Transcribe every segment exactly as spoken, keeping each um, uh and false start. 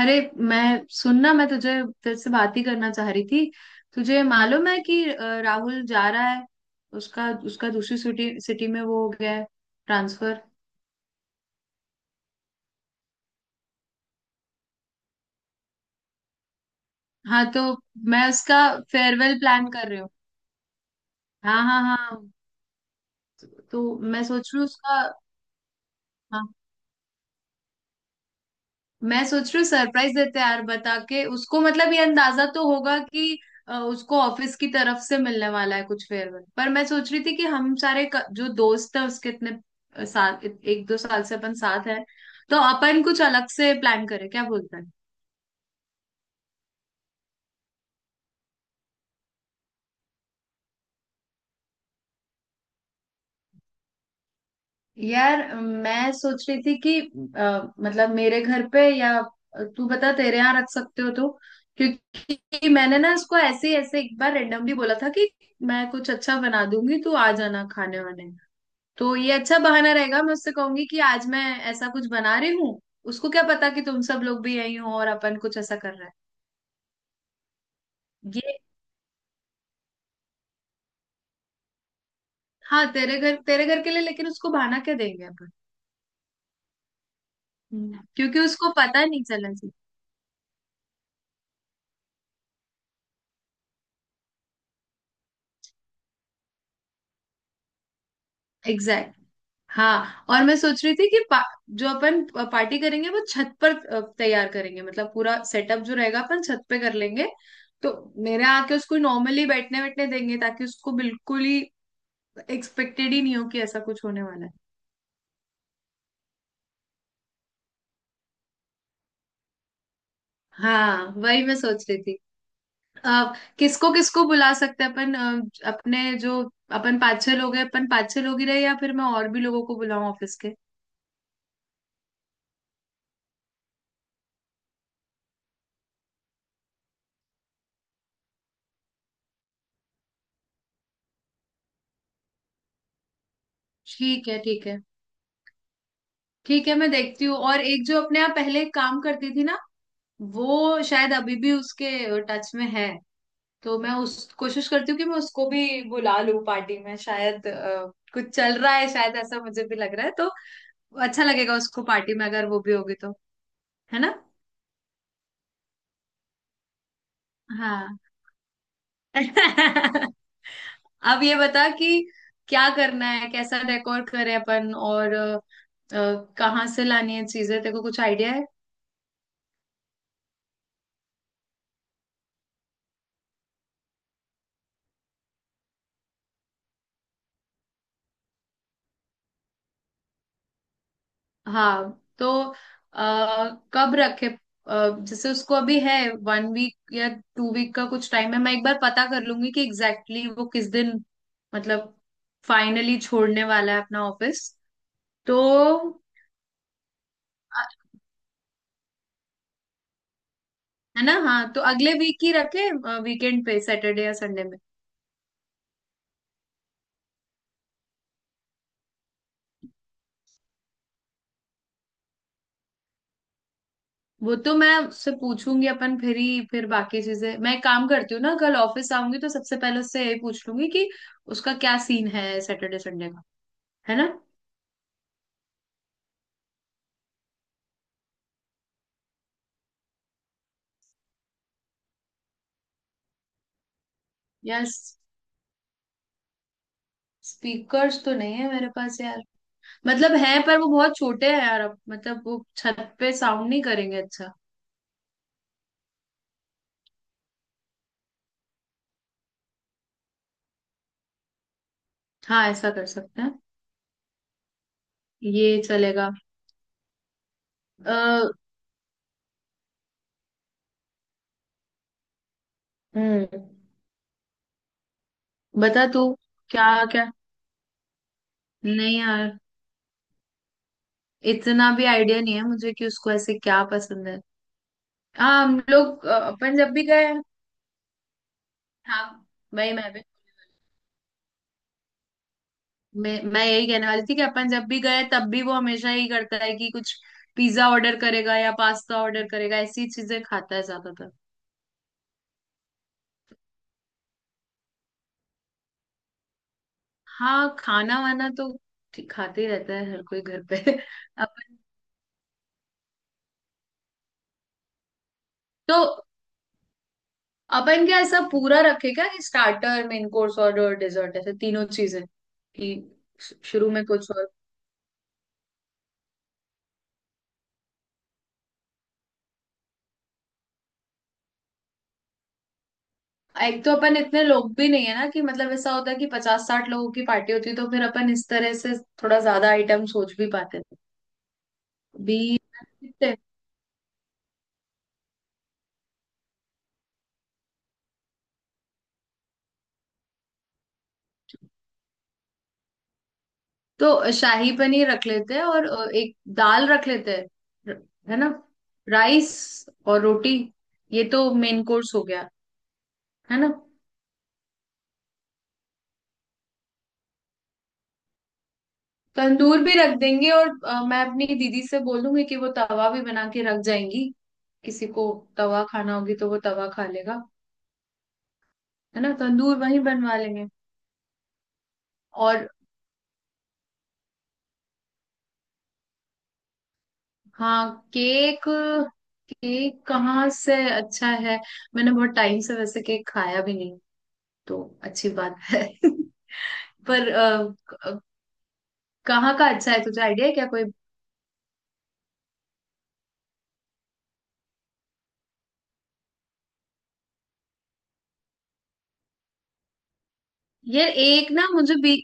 अरे, मैं सुनना मैं तुझे तेरे से बात ही करना चाह रही थी। तुझे मालूम है कि अ, राहुल जा रहा है। उसका उसका दूसरी सिटी सिटी में वो हो गया है, ट्रांसफर। हाँ तो मैं उसका फेयरवेल प्लान कर रही हूँ। हाँ हाँ हाँ। तो मैं सोच रही हूँ उसका। हाँ, मैं सोच रही हूँ सरप्राइज देते हैं यार, बता के उसको मतलब ये अंदाजा तो होगा कि अ, उसको ऑफिस की तरफ से मिलने वाला है कुछ फेयरवेल पर। मैं सोच रही थी कि हम सारे क- जो दोस्त है उसके, इतने अ, साल इत- एक दो साल से अपन साथ हैं तो अपन कुछ अलग से प्लान करें, क्या बोलते हैं। यार, मैं सोच रही थी कि अ, मतलब मेरे घर पे या तू बता तेरे यहाँ रख सकते हो तो। क्योंकि मैंने ना इसको ऐसे ही ऐसे एक बार रेंडमली बोला था कि मैं कुछ अच्छा बना दूंगी, तू आ जाना खाने वाने। तो ये अच्छा बहाना रहेगा, मैं उससे कहूंगी कि आज मैं ऐसा कुछ बना रही हूँ। उसको क्या पता कि तुम सब लोग भी यही हो और अपन कुछ ऐसा कर रहा है ये। हाँ, तेरे घर तेरे घर के लिए, लेकिन उसको बहाना क्या देंगे अपन। हम्म। क्योंकि उसको पता नहीं चलना चाहिए। एग्जैक्ट। हाँ और मैं सोच रही थी कि पा, जो अपन पार्टी करेंगे वो छत पर अ, तैयार करेंगे, मतलब पूरा सेटअप जो रहेगा अपन छत पे कर लेंगे। तो मेरे यहाँ आके उसको नॉर्मली बैठने बैठने देंगे ताकि उसको बिल्कुल ही एक्सपेक्टेड ही नहीं हो कि ऐसा कुछ होने वाला है। हाँ, वही मैं सोच रही थी। अ, किसको किसको बुला सकते हैं अपन, अ, अपने जो, अपन पाँच छह लोग हैं, अपन पाँच छह लोग ही रहे या फिर मैं और भी लोगों को बुलाऊं ऑफिस के। ठीक है, ठीक है। ठीक है, मैं देखती हूँ। और एक जो अपने यहाँ पहले काम करती थी ना, वो शायद अभी भी उसके टच में है। तो मैं उस कोशिश करती हूँ कि मैं उसको भी बुला लूँ पार्टी में, शायद अ, कुछ चल रहा है शायद, ऐसा मुझे भी लग रहा है तो। अच्छा लगेगा उसको पार्टी में अगर वो भी होगी तो, है ना। हाँ। अब ये बता कि क्या करना है, कैसा डेकोर करें अपन और अ, अ, कहाँ से लानी है चीजें, तेरे को कुछ आइडिया है। हाँ तो आ, कब रखे, अ, जैसे उसको अभी है वन वीक या टू वीक का कुछ टाइम है। मैं एक बार पता कर लूंगी कि एग्जैक्टली exactly वो किस दिन मतलब फाइनली छोड़ने वाला है अपना ऑफिस। तो अ, है ना। हाँ तो अगले वीक ही रखे, वीकेंड पे, सैटरडे या संडे। वो तो मैं उससे पूछूंगी अपन, फिर ही फिर बाकी चीजें। मैं एक काम करती हूँ ना, कल ऑफिस आऊंगी तो सबसे पहले उससे यही पूछ लूंगी कि उसका क्या सीन है सैटरडे संडे का, है ना। यार, स्पीकर्स तो नहीं है मेरे पास यार। मतलब है पर वो बहुत छोटे हैं यार, अब मतलब वो छत पे साउंड नहीं करेंगे अच्छा। हाँ, ऐसा कर सकते हैं। ये चलेगा। अः हम्म बता तू क्या क्या। नहीं यार, इतना भी आइडिया नहीं है मुझे कि उसको ऐसे क्या पसंद है। हाँ, हम लोग अ, अपन जब भी गए। हाँ, भाई, मैं भी मैं, मैं यही कहने वाली थी कि अपन जब भी गए, तब भी वो हमेशा यही करता है कि कुछ पिज्जा ऑर्डर करेगा या पास्ता ऑर्डर करेगा, ऐसी चीजें खाता है ज्यादातर। हाँ, खाना वाना तो ठीक- खाते ही रहता है हर कोई घर पे। अपन तो अपन क्या ऐसा पूरा रखे क्या कि स्टार्टर, मेन कोर्स और डेजर्ट, ऐसे तीनों चीजें कि शु- शुरू में कुछ। एक तो अपन इतने लोग भी नहीं है ना कि मतलब ऐसा होता है कि पचास साठ लोगों की पार्टी होती है तो फिर अपन इस तरह से थोड़ा ज्यादा आइटम सोच भी पाते हैं। भी कितने? तो शाही पनीर रख लेते हैं और अ, एक दाल रख लेते हैं। र- है ना, राइस और रोटी। ये तो मेन कोर्स हो गया। है ना, तंदूर भी रख देंगे और अ, मैं अपनी दीदी से बोलूंगी कि वो तवा भी बना के रख जाएंगी। किसी को तवा खाना होगी तो वो तवा खा लेगा। है ना, तंदूर वहीं बनवा लेंगे। और हाँ, केक। केक कहाँ से अच्छा है। मैंने बहुत टाइम से वैसे केक खाया भी नहीं तो अच्छी बात है। पर अ, क- कहाँ का अच्छा है, तुझे आइडिया है क्या कोई। यार, एक ना मुझे बी,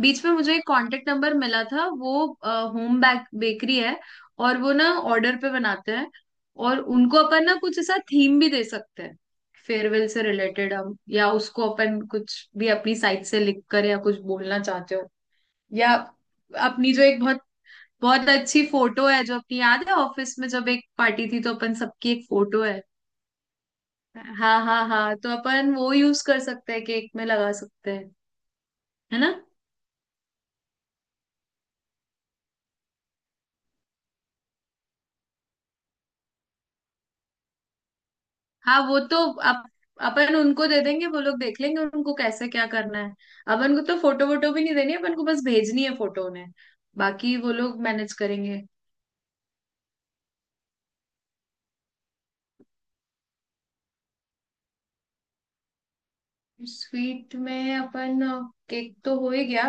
बीच में मुझे एक कांटेक्ट नंबर मिला था, वो होम बेक बेकरी है। और वो ना ऑर्डर पे बनाते हैं। और उनको अपन ना कुछ ऐसा थीम भी दे सकते हैं फेयरवेल से रिलेटेड, हम या उसको अपन कुछ भी अपनी साइड से लिख कर या कुछ बोलना चाहते हो, या अपनी जो एक बहुत बहुत अच्छी फोटो है जो अपनी याद है, ऑफिस में जब एक पार्टी थी तो अपन सबकी एक फोटो है। हाँ हाँ हाँ, तो अपन वो यूज कर सकते हैं, केक में लगा सकते हैं। है ना, हाँ, वो तो अप, अपन उनको दे देंगे, वो लोग देख लेंगे उनको कैसे क्या करना है। अपन को तो फोटो वोटो भी नहीं देनी है, अपन को बस भेजनी है फोटो उन्हें, बाकी वो लोग मैनेज करेंगे। स्वीट में अपन, केक तो हो ही गया।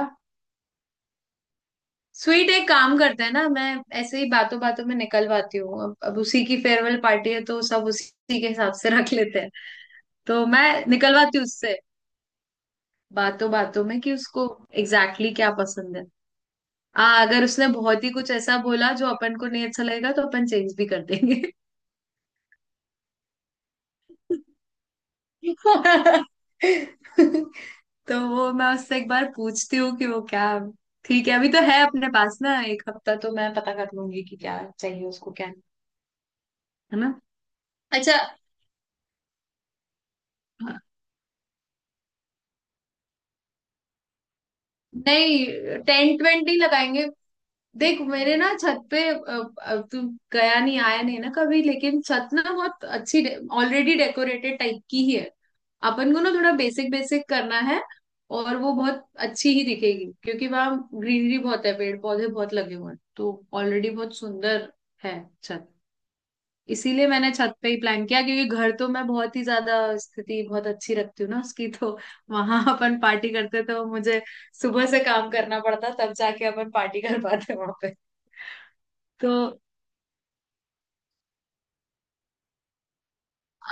स्वीट, एक काम करते हैं ना, मैं ऐसे ही बातों बातों में निकलवाती हूँ, अब, अब उसी की फेयरवेल पार्टी है तो सब उसी के हिसाब से रख लेते हैं। तो मैं निकलवाती हूँ उससे बातों बातों में कि उसको एग्जैक्टली exactly क्या पसंद है। आ, अगर उसने बहुत ही कुछ ऐसा बोला जो अपन को नहीं अच्छा लगेगा तो अपन चेंज भी कर देंगे। तो वो मैं उससे एक बार पूछती हूँ कि वो क्या। ठीक है, अभी तो है अपने पास ना एक हफ्ता, तो मैं पता कर लूंगी कि क्या चाहिए उसको क्या नहीं, है ना। अच्छा नहीं, टेन ट्वेंटी लगाएंगे। देख, मेरे ना छत पे, अब तू गया नहीं आया नहीं ना कभी, लेकिन छत ना बहुत अच्छी ऑलरेडी डेकोरेटेड टाइप की ही है। अपन को ना थोड़ा बेसिक बेसिक करना है। और वो बहुत अच्छी ही दिखेगी क्योंकि वहाँ ग्रीनरी बहुत है, पेड़ पौधे बहुत लगे हुए हैं तो ऑलरेडी बहुत सुंदर है छत। इसीलिए मैंने छत पे ही प्लान किया, क्योंकि घर तो मैं बहुत ही ज्यादा स्थिति बहुत अच्छी रखती हूँ ना उसकी, तो वहां अपन पार्टी करते तो मुझे सुबह से काम करना पड़ता तब जाके अपन पार्टी कर पाते वहां पे तो।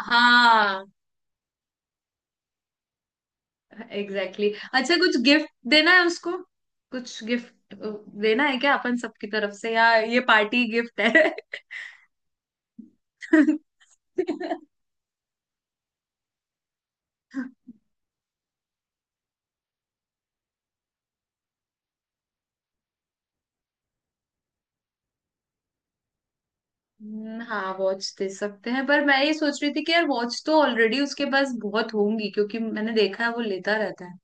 हाँ, एग्जैक्टली exactly. अच्छा, कुछ गिफ्ट देना है उसको, कुछ गिफ्ट देना है क्या अपन सबकी तरफ से या ये पार्टी गिफ्ट है। हम्म, हाँ, वॉच दे सकते हैं, पर मैं ये सोच रही थी कि यार वॉच तो ऑलरेडी उसके पास बहुत होंगी क्योंकि मैंने देखा है वो लेता रहता है।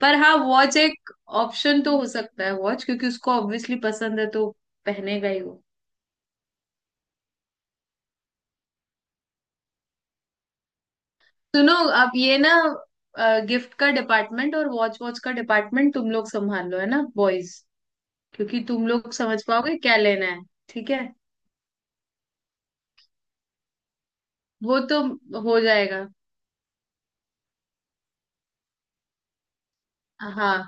पर हाँ, वॉच एक ऑप्शन तो हो सकता है, वॉच क्योंकि उसको ऑब्वियसली पसंद है तो पहनेगा ही वो। सुनो, अब ये ना गिफ्ट का डिपार्टमेंट और वॉच वॉच का डिपार्टमेंट तुम लोग संभाल लो, है ना बॉयज। क्योंकि तुम लोग समझ पाओगे क्या लेना है। ठीक है, वो तो हो जाएगा। हाँ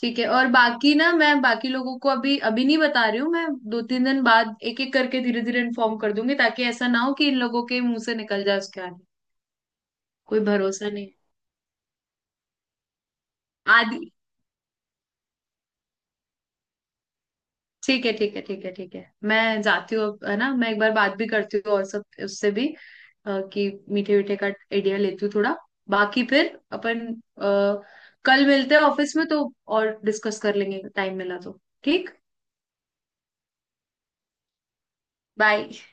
ठीक है, और बाकी ना, मैं बाकी लोगों को अभी अभी नहीं बता रही हूँ, मैं दो तीन दिन बाद एक एक करके धीरे धीरे इन्फॉर्म कर दूंगी, ताकि ऐसा ना हो कि इन लोगों के मुंह से निकल जाए उसके आगे, कोई भरोसा नहीं। आदि, ठीक है ठीक है ठीक है ठीक है, मैं जाती हूँ अब, है ना। मैं एक बार बात भी करती हूँ और सब उससे भी, अ, कि मीठे मीठे का आइडिया लेती हूँ थोड़ा, बाकी फिर अपन अ, कल मिलते हैं ऑफिस में, तो और डिस्कस कर लेंगे टाइम मिला तो ठीक। बाय।